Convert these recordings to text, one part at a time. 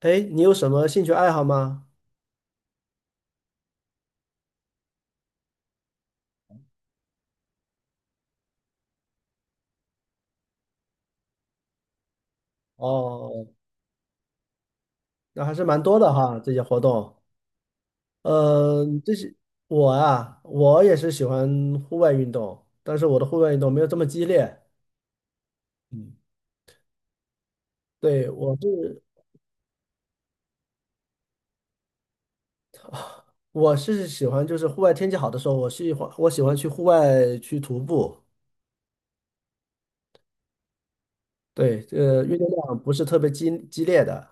哎，你有什么兴趣爱好吗？哦，那还是蛮多的哈，这些活动。呃，这些我啊，我也是喜欢户外运动，但是我的户外运动没有这么激烈。嗯，对，我是喜欢，就是户外天气好的时候，我喜欢去户外去徒步。对，运动量不是特别激烈的。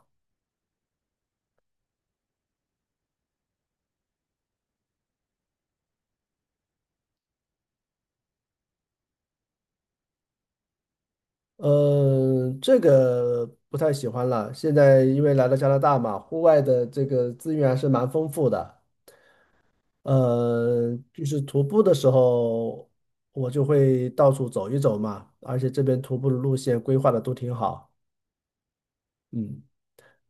这个不太喜欢了。现在因为来到加拿大嘛，户外的这个资源还是蛮丰富的。呃，就是徒步的时候，我就会到处走一走嘛，而且这边徒步的路线规划的都挺好。嗯，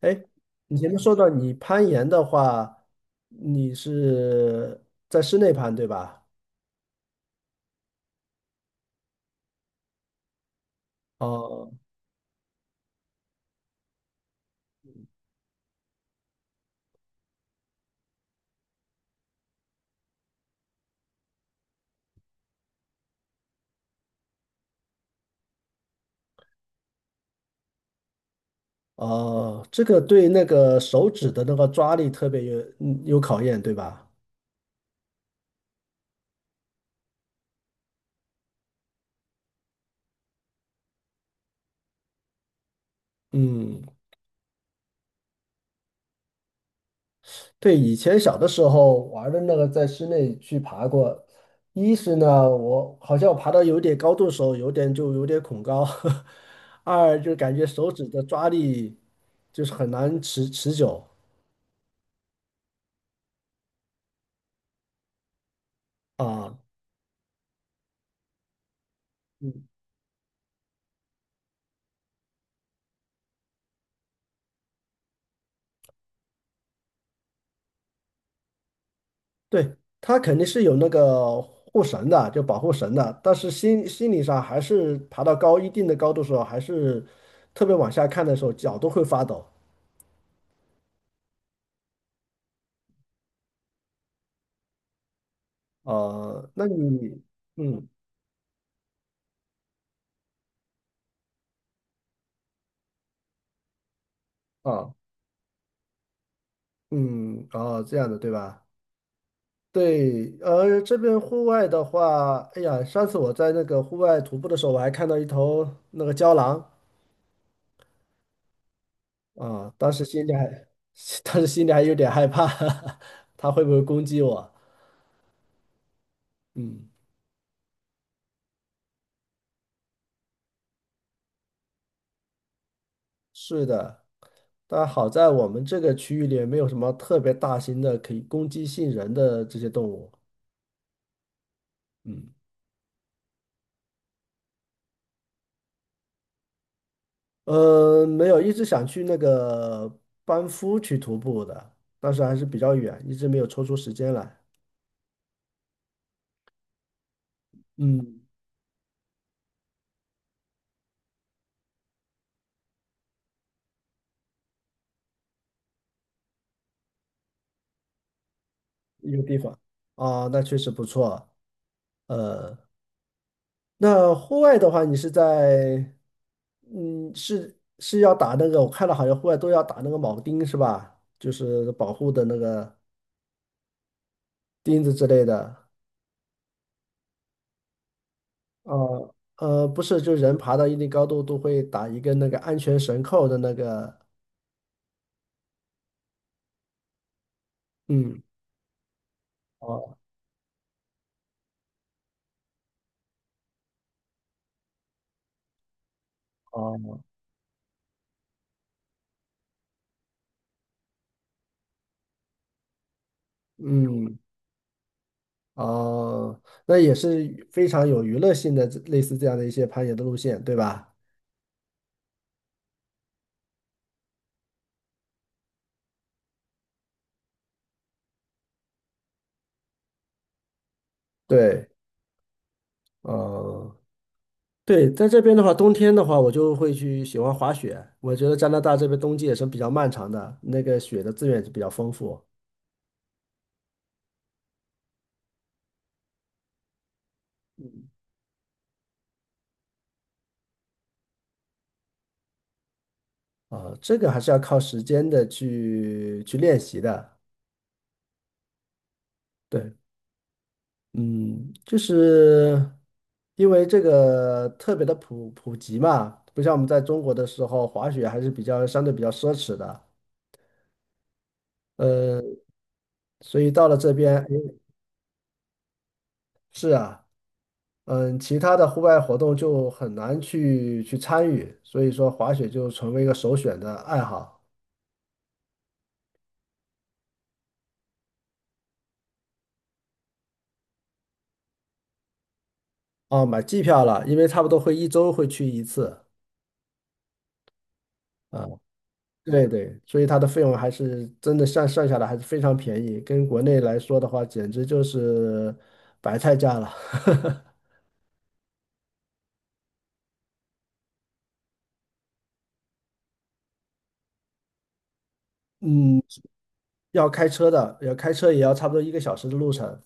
哎，你前面说到你攀岩的话，你是在室内攀对吧？哦哦，这个对那个手指的那个抓力特别有考验，对吧？嗯。对，以前小的时候玩的那个，在室内去爬过。一是呢，我好像我爬到有点高度的时候，有点恐高；二就感觉手指的抓力就是很难持久啊。嗯，对，它肯定是有那个护绳的，就保护绳的，但是心理上还是爬到高一定的高度的时候，还是特别往下看的时候，脚都会发抖。呃，那你，嗯啊，嗯啊，这样的对吧？对，呃，这边户外的话，哎呀，上次我在那个户外徒步的时候，我还看到一头那个郊狼啊，当时心里还，当时心里还有点害怕，它会不会攻击我？嗯，是的，但好在我们这个区域里没有什么特别大型的可以攻击性人的这些动物。嗯，呃，没有，一直想去那个班夫去徒步的，但是还是比较远，一直没有抽出时间来。嗯。一个地方啊，那确实不错。呃，那户外的话，你是在，嗯，是要打那个，我看了好像户外都要打那个铆钉是吧？就是保护的那个钉子之类的。啊，呃，不是，就人爬到一定高度都会打一个那个安全绳扣的那个，嗯，哦哦，嗯哦，那也是非常有娱乐性的，类似这样的一些攀岩的路线，对吧？对，嗯。对，在这边的话，冬天的话，我就会去喜欢滑雪。我觉得加拿大这边冬季也是比较漫长的，那个雪的资源也是比较丰富啊，这个还是要靠时间的去练习的。对，嗯，就是因为这个特别的普及嘛，不像我们在中国的时候，滑雪还是比较相对比较奢侈的。呃，所以到了这边，哎是啊。嗯，其他的户外活动就很难去参与，所以说滑雪就成为一个首选的爱好。哦，买季票了，因为差不多会一周会去一次啊，对对，所以它的费用还是真的算下来还是非常便宜，跟国内来说的话，简直就是白菜价了。嗯，要开车的，要开车也要差不多一个小时的路程，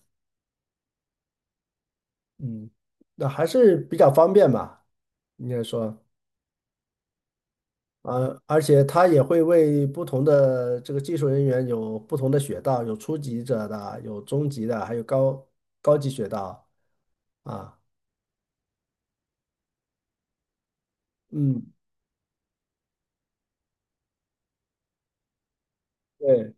嗯，那还是比较方便吧，应该说。呃，而且他也会为不同的这个技术人员有不同的雪道，有初级者的，有中级的，还有高级雪道啊。嗯，对，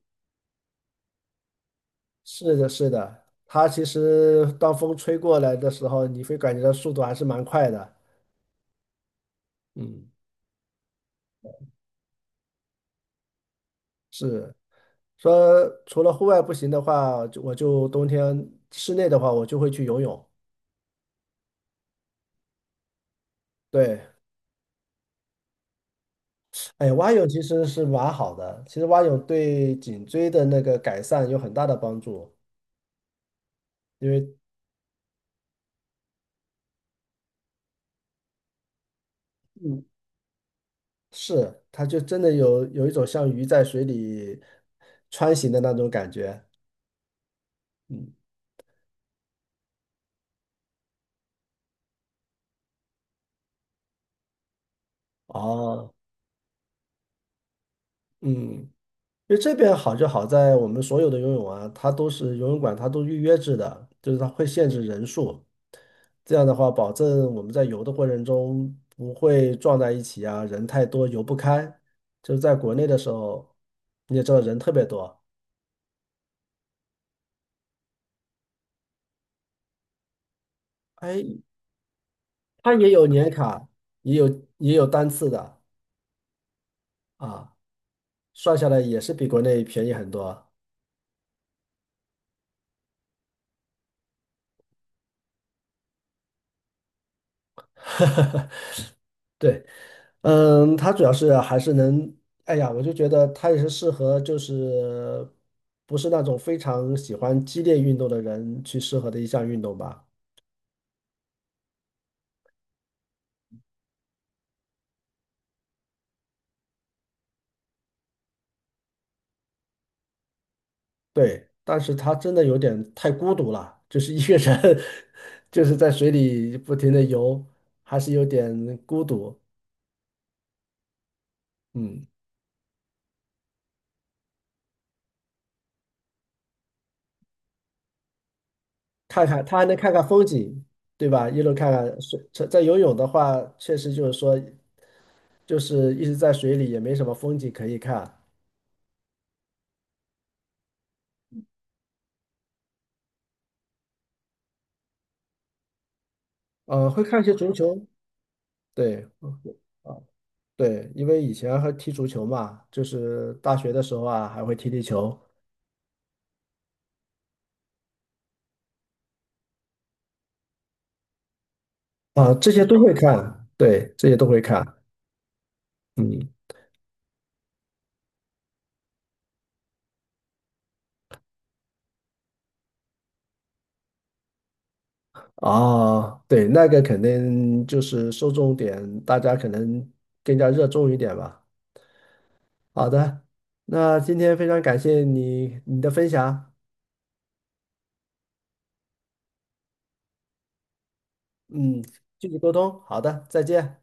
是的，是的。它其实当风吹过来的时候，你会感觉到速度还是蛮快的。嗯，是说除了户外不行的话，就我就冬天室内的话，我就会去游泳。对，哎，蛙泳其实是蛮好的，其实蛙泳对颈椎的那个改善有很大的帮助，因为嗯，是它就真的有一种像鱼在水里穿行的那种感觉。嗯，哦，嗯。因为这边好就好在我们所有的游泳啊，它都是游泳馆，它都预约制的，就是它会限制人数。这样的话，保证我们在游的过程中不会撞在一起啊，人太多游不开。就是在国内的时候，你也知道人特别多，哎，它也有年卡，也有也有单次的啊，算下来也是比国内便宜很多。对。嗯，他主要是还是能，哎呀，我就觉得他也是适合，就是不是那种非常喜欢激烈运动的人去适合的一项运动吧。对，但是他真的有点太孤独了，就是一个人，就是在水里不停的游，还是有点孤独。嗯，看看他还能看看风景，对吧？一路看看水，在游泳的话，确实就是说，就是一直在水里也没什么风景可以看。呃，会看一些足球，对，啊，对，因为以前还踢足球嘛，就是大学的时候啊，还会踢球啊，这些都会看，对，这些都会看，嗯，啊，对，那个肯定就是受众点，大家可能更加热衷一点吧。好的，那今天非常感谢你的分享，嗯，继续沟通，好的，再见。